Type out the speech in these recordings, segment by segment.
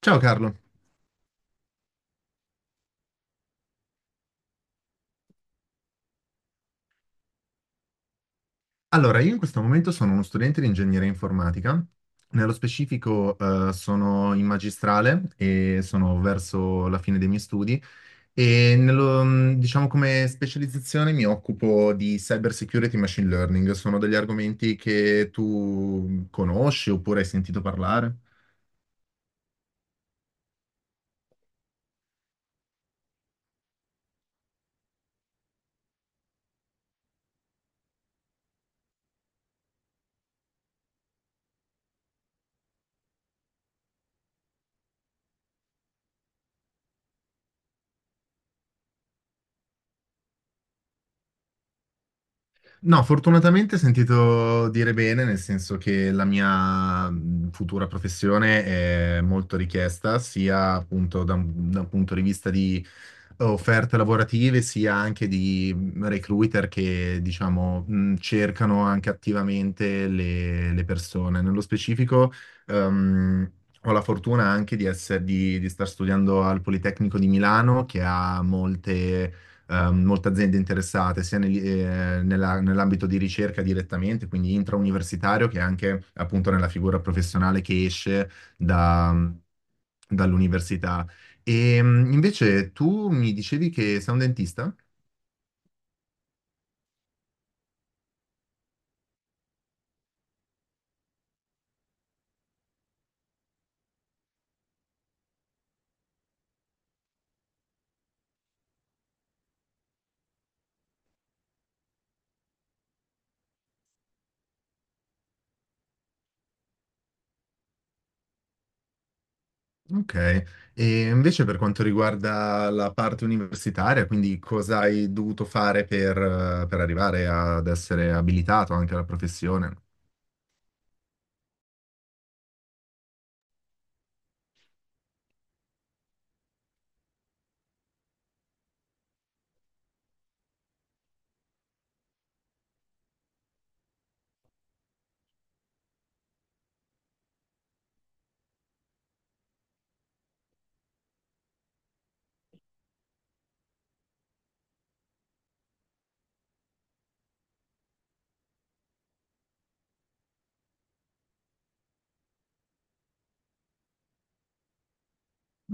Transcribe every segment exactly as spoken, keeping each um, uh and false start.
Ciao Carlo, allora io in questo momento sono uno studente di ingegneria informatica, nello specifico eh, sono in magistrale e sono verso la fine dei miei studi e nello- mh, diciamo come specializzazione mi occupo di cyber security e machine learning, sono degli argomenti che tu conosci oppure hai sentito parlare? No, fortunatamente ho sentito dire bene, nel senso che la mia mh, futura professione è molto richiesta, sia appunto da un, da un punto di vista di offerte lavorative, sia anche di mh, recruiter che, diciamo, mh, cercano anche attivamente le, le persone. Nello specifico, ehm, ho la fortuna anche di essere, di, di star studiando al Politecnico di Milano, che ha molte ehm, molte aziende interessate sia negli- eh, nella- nell'ambito di ricerca direttamente, quindi intrauniversitario, che anche appunto nella figura professionale che esce da- dall'università. E mh, invece tu mi dicevi che sei un dentista? Ok, e invece per quanto riguarda la parte universitaria, quindi cosa hai dovuto fare per, eh, per arrivare ad essere abilitato anche alla professione?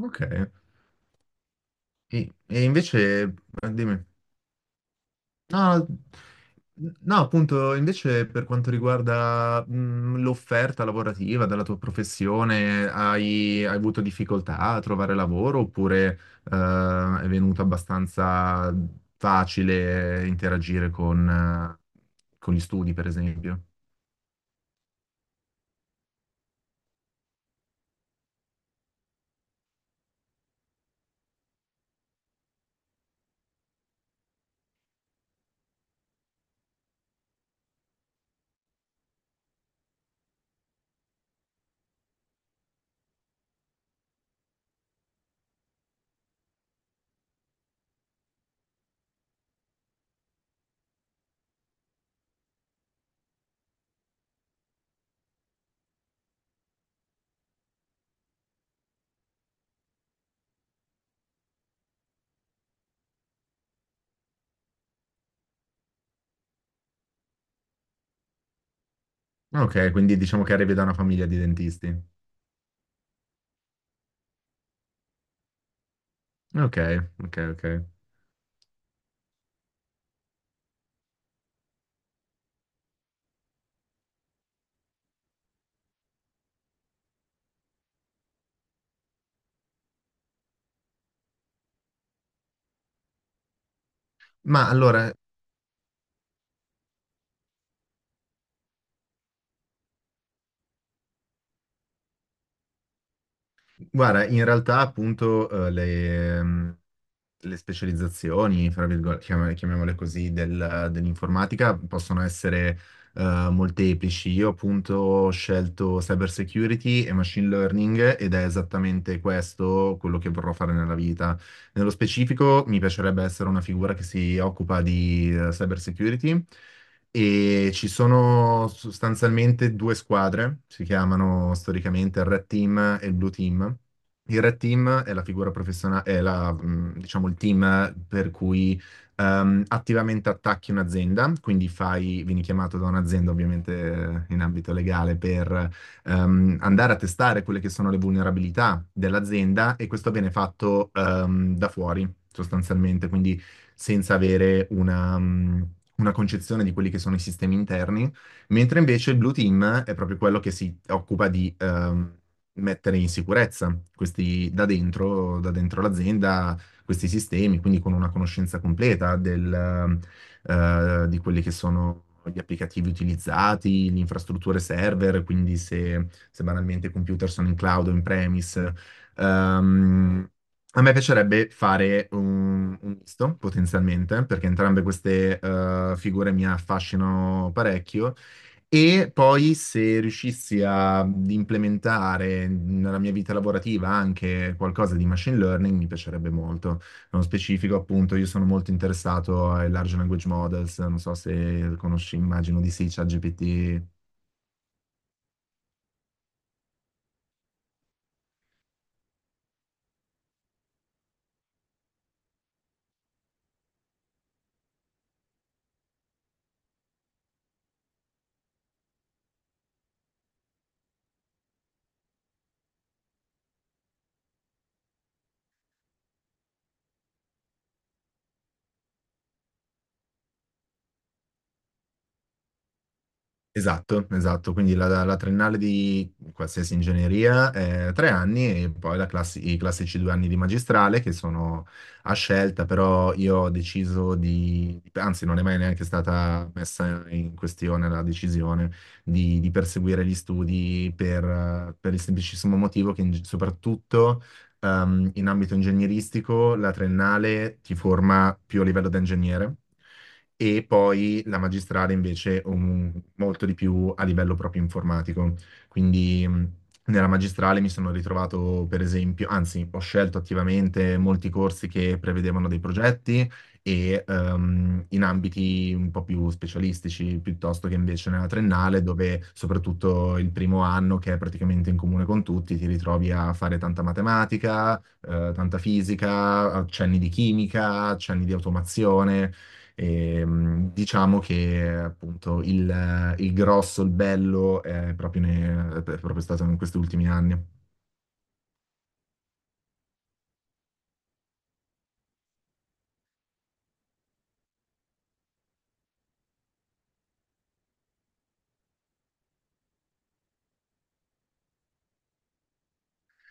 Ok, e, e invece, eh, dimmi. No, no, no, appunto, invece per quanto riguarda mh, l'offerta lavorativa della tua professione, hai, hai avuto difficoltà a trovare lavoro oppure eh, è venuto abbastanza facile interagire con, eh, con gli studi, per esempio? Ok, quindi diciamo che arrivi da una famiglia di dentisti. Ok, ok, ok. Ma allora, guarda, in realtà appunto eh, le, ehm, le specializzazioni, fra virgolette, chiam- chiamiamole così, del- dell'informatica possono essere eh, molteplici. Io appunto ho scelto cyber security e machine learning ed è esattamente questo quello che vorrò fare nella vita. Nello specifico mi piacerebbe essere una figura che si occupa di eh, cyber security e ci sono sostanzialmente due squadre, si chiamano storicamente il Red Team e il Blue Team. Il Red Team è la figura professionale, è la, mh, diciamo, il team per cui ehm, attivamente attacchi un'azienda, quindi fai, vieni chiamato da un'azienda ovviamente eh, in ambito legale per ehm, andare a testare quelle che sono le vulnerabilità dell'azienda e questo viene fatto ehm, da fuori sostanzialmente, quindi senza avere una, mh, una concezione di quelli che sono i sistemi interni, mentre invece il Blue Team è proprio quello che si occupa di ehm, mettere in sicurezza questi da dentro, da dentro l'azienda, questi sistemi, quindi con una conoscenza completa del, eh, di quelli che sono gli applicativi utilizzati, le infrastrutture server, quindi se, se banalmente i computer sono in cloud o in premise, ehm, a me piacerebbe fare un, un misto, potenzialmente, perché entrambe queste eh, figure mi affascinano parecchio. E poi se riuscissi a implementare nella mia vita lavorativa anche qualcosa di machine learning, mi piacerebbe molto. Nello specifico, appunto, io sono molto interessato ai large language models, non so se conosci, immagino di sì, ChatGPT. Esatto, esatto, quindi la, la triennale di qualsiasi ingegneria è tre anni e poi la classi- i classici due anni di magistrale che sono a scelta, però io ho deciso di, anzi non è mai neanche stata messa in questione la decisione di, di perseguire gli studi per, per il semplicissimo motivo che in- soprattutto ehm, in ambito ingegneristico la triennale ti forma più a livello da ingegnere e poi la magistrale invece un- molto di più a livello proprio informatico. Quindi mh, nella magistrale mi sono ritrovato, per esempio, anzi, ho scelto attivamente molti corsi che prevedevano dei progetti e ehm, in ambiti un po' più specialistici, piuttosto che invece nella triennale, dove soprattutto il primo anno, che è praticamente in comune con tutti, ti ritrovi a fare tanta matematica, eh, tanta fisica, accenni di chimica, accenni di automazione. E, mh, diciamo che appunto il, il grosso, il bello è proprio, ne- è proprio stato in questi ultimi anni.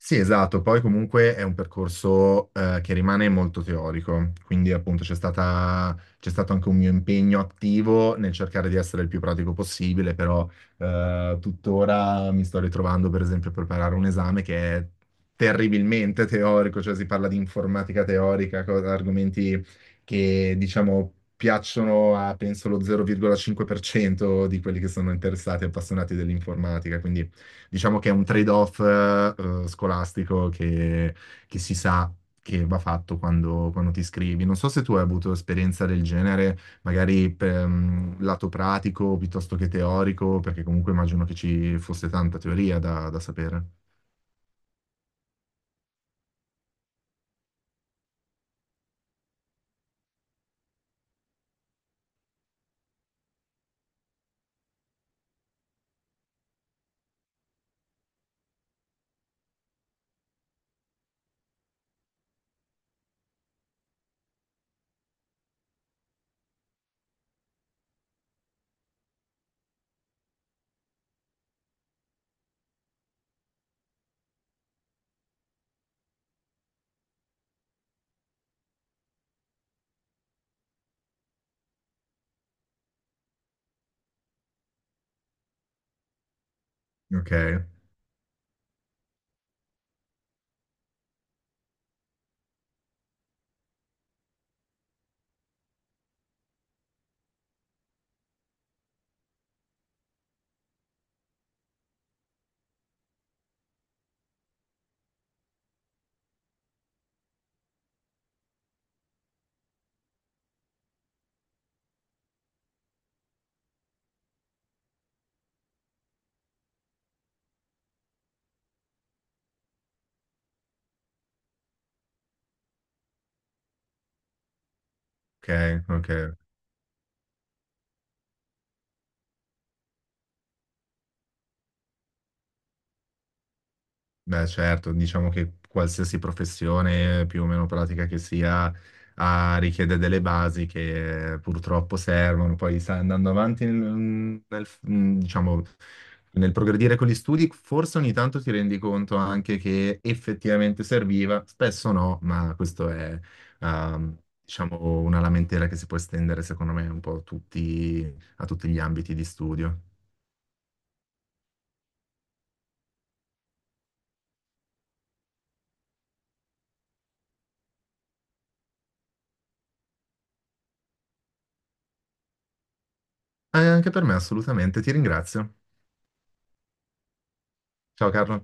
Sì, esatto, poi comunque è un percorso eh, che rimane molto teorico, quindi appunto c'è stata- c'è stato anche un mio impegno attivo nel cercare di essere il più pratico possibile, però eh, tuttora mi sto ritrovando per esempio a preparare un esame che è terribilmente teorico, cioè si parla di informatica teorica, co- argomenti che diciamo piacciono a penso lo zero virgola cinque per cento di quelli che sono interessati e appassionati dell'informatica, quindi diciamo che è un trade-off eh, scolastico che, che si sa che va fatto quando, quando ti iscrivi. Non so se tu hai avuto esperienza del genere, magari per mm, lato pratico piuttosto che teorico, perché comunque immagino che ci fosse tanta teoria da, da sapere. Ok, ok, ok. Beh, certo, diciamo che qualsiasi professione più o meno pratica che sia ha- richiede delle basi che eh, purtroppo servono. Poi sai, andando avanti nel, nel- mm, diciamo, nel progredire con gli studi, forse ogni tanto ti rendi conto anche che effettivamente serviva, spesso no, ma questo è ehm, diciamo, una lamentela che si può estendere secondo me un po' a tutti, a tutti gli ambiti di studio. Eh, anche per me, assolutamente. Ti ringrazio. Ciao Carlo.